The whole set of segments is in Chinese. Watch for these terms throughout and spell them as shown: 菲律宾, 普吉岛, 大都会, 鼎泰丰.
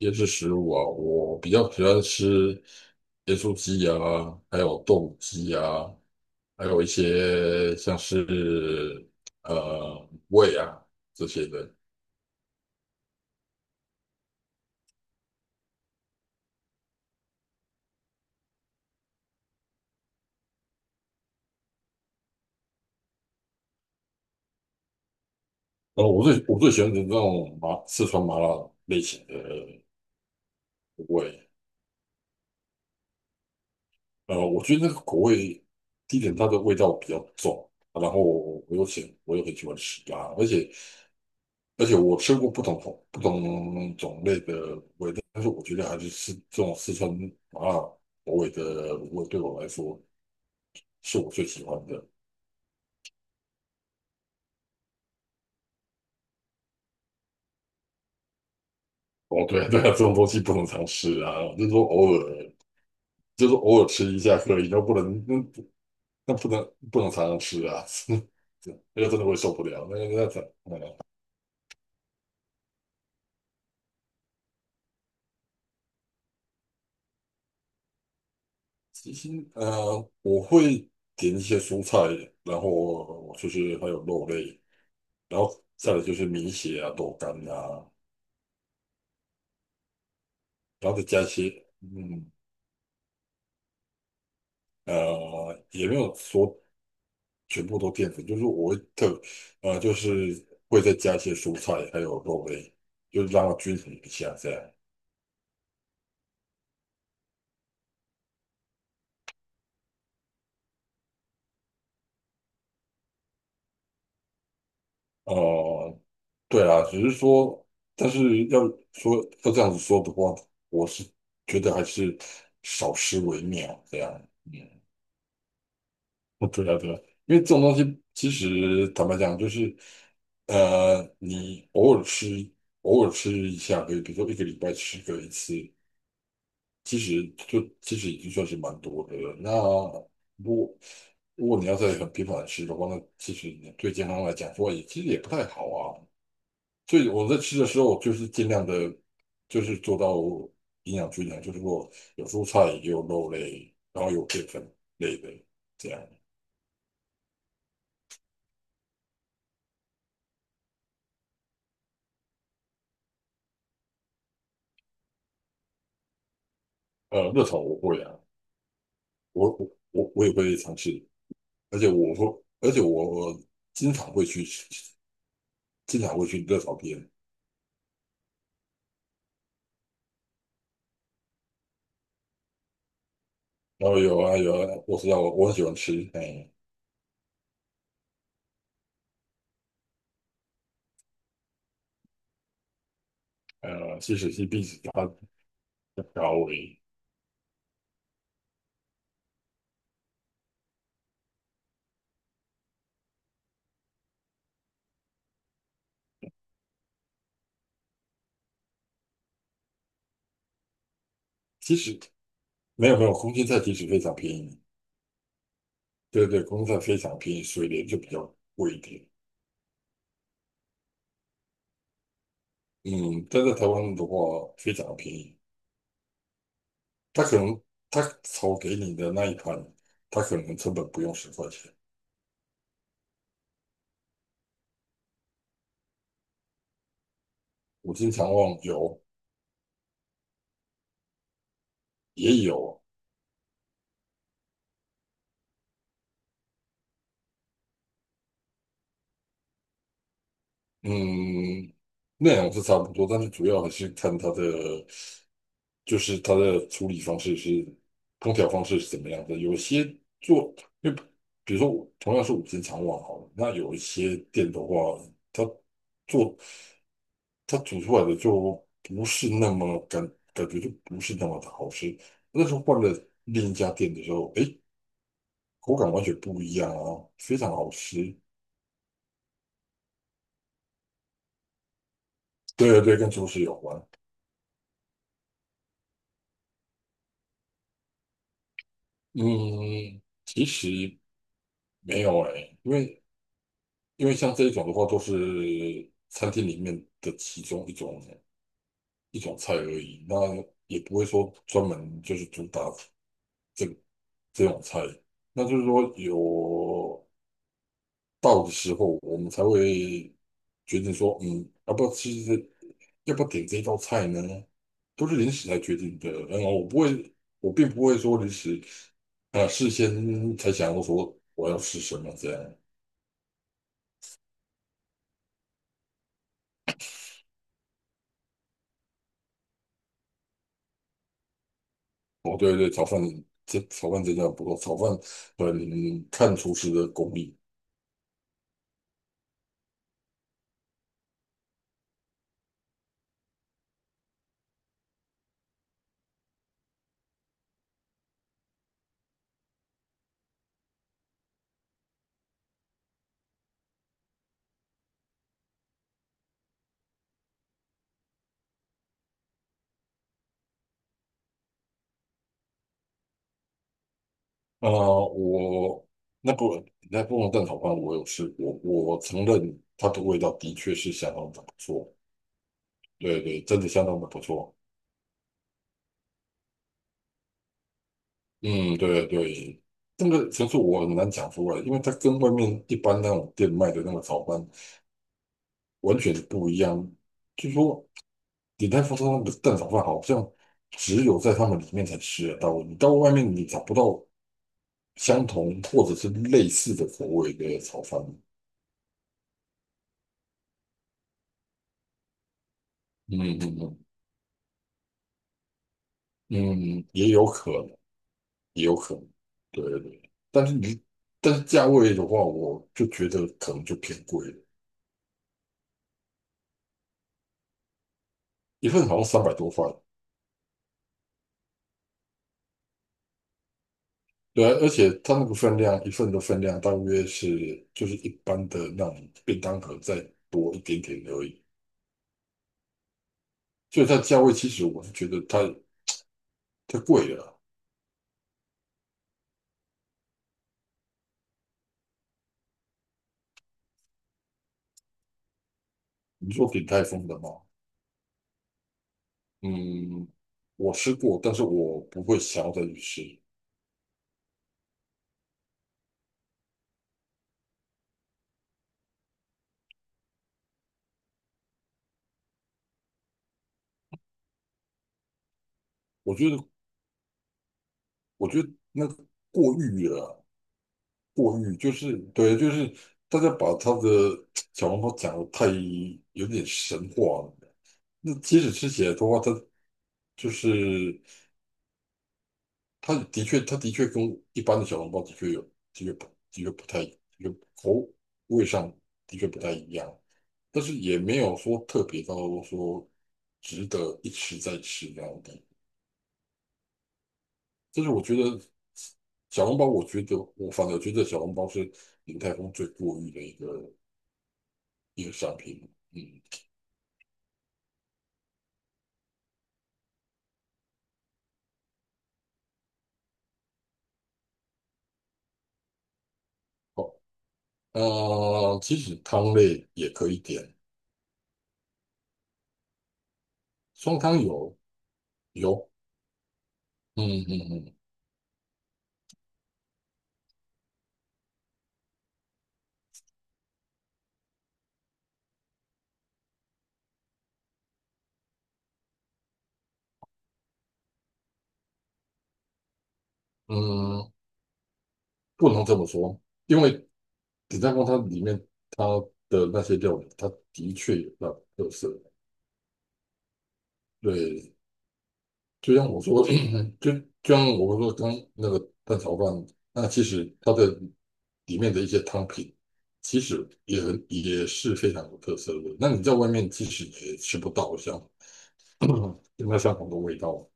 椰子食物啊，我比较喜欢吃椰树鸡啊，还有豆鸡啊，还有一些像是胃啊这些的。然后我最喜欢的那种麻四川麻辣类型的口味，我觉得那个口味，第一点它的味道比较重，然后我很喜欢吃辣，而且我吃过不同种类的味，但是我觉得还是吃这种四川麻辣口味的味，对我来说是我最喜欢的。哦，对啊对啊，这种东西不能常吃啊，就是说偶尔，就是偶尔吃一下可以，那不能常常吃啊，那个真的会受不了。那个那怎嗯，其实我会点一些蔬菜，然后就是还有肉类，然后再来就是米血啊、豆干啊。然后再加一些，嗯，也没有说全部都淀粉，就是我会特，就是会再加一些蔬菜，还有肉类，就是让它均衡一下这样。呃，对啊，只是说，但是要说要这样子说的话，我是觉得还是少吃为妙这样。嗯。 对啊，对啊，因为这种东西其实坦白讲，就是你偶尔吃，偶尔吃一下可以，比如说一个礼拜吃个一次，其实已经算是蛮多的了。那如果如果你要再很频繁的吃的话，那其实你对健康来讲说也其实也不太好啊。所以我在吃的时候，就是尽量的，就是做到营养均衡，就是说有蔬菜，也有肉类，然后有淀粉类的这样。热炒我会啊。我我我也会尝试，而且我经常会去吃，经常会去热炒片。然后有啊有啊，我知道我很喜欢吃，哎。其实是必须它的高危，其实没有没有，空心菜其实非常便宜，对对，空心菜非常便宜，水莲就比较贵一点，嗯，但在台湾的话非常便宜，他可能他炒给你的那一盘，他可能成本不用10块钱，我经常忘有也有。嗯，内容是差不多，但是主要还是看它的，就是它的处理方式是烹调方式是怎么样的。有些做，因为比如说同样是五星肠旺好了，那有一些店的话，它做它煮出来的就不是那么感觉就不是那么的好吃。那时候换了另一家店的时候，诶，口感完全不一样啊，非常好吃。对对，跟厨师有关。嗯，其实。没有哎，因为像这一种的话，都是餐厅里面的其中一种一种菜而已，那也不会说专门就是主打这这种菜。那就是说有到的时候，我们才会决定说，嗯，要不要吃这，要不要点这道菜呢？都是临时来决定的。然后我不会，我并不会说临时事先才想要说我要吃什么这样。哦，对对，炒饭炒饭真的不错，炒饭很看厨师的功力。啊、我那个那不能蛋炒饭我有试过，我承认它的味道的确是相当的不错，对对，真的相当的不错。嗯，对对，这个其实我很难讲出来，因为它跟外面一般那种店卖的那个炒饭完全不一样。据说鼎泰丰盛那个蛋炒饭好像只有在他们里面才吃得到，你到外面你找不到相同或者是类似的口味的炒饭。嗯嗯嗯嗯也有可能，也有可能。对对对但是你但是价位的话，我就觉得可能就偏贵了，一份好像三百多块。对啊，而且它那个分量，一份的分量大约是就是一般的那种便当盒再多一点点而已，所以它价位其实我是觉得太贵了。你说鼎泰丰的吗？嗯，我吃过，但是我不会想要再去吃。我觉得，我觉得那个过誉了，过誉就是对，就是大家把他的小笼包讲的太有点神话了。那即使吃起来的话，它就是它的确，它的确跟一般的小笼包的确口味上的确不太一样，但是也没有说特别到说值得一吃再吃那样的。就是我觉得我觉得我反而觉得小笼包是鼎泰丰最过誉的一个商品。嗯，好，其实汤类也可以点，双汤有有，嗯嗯嗯嗯，不能这么说，因为鼎泰丰它里面它的那些料理，它的确有那特色，对，就像我说，就就像我说刚那个蛋炒饭，那其实它的里面的一些汤品，其实也很也是非常有特色的。那你在外面其实也吃不到像 那相同的味道。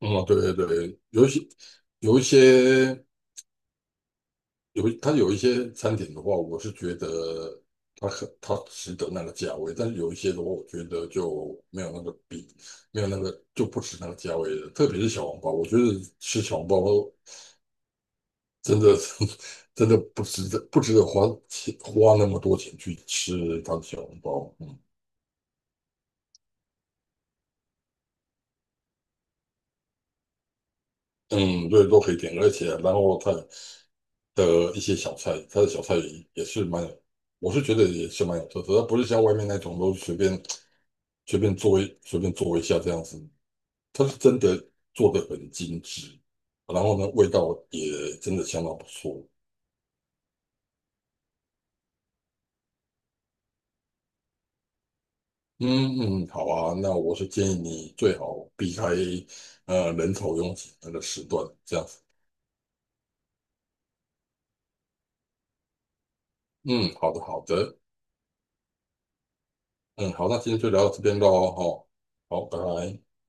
嗯，对对对，有一些有一些。它有一些餐点的话，我是觉得它值得那个价位，但是有一些的话，我觉得就没有那个比没有那个就不值那个价位了。特别是小笼包，我觉得吃小笼包真的 真的不值得花花那么多钱去吃它的小笼包。嗯嗯，对，都可以点，而且然后它的一些小菜，它的小菜也是蛮有，我是觉得也是蛮有特色，它不是像外面那种都随便。随便做一下这样子，它是真的做的很精致，然后呢，味道也真的相当不错。嗯嗯，嗯好啊，那我是建议你最好避开人潮拥挤那个时段，这样子。嗯，好的好的，嗯好，那今天就聊到这边喽，好，好，拜拜。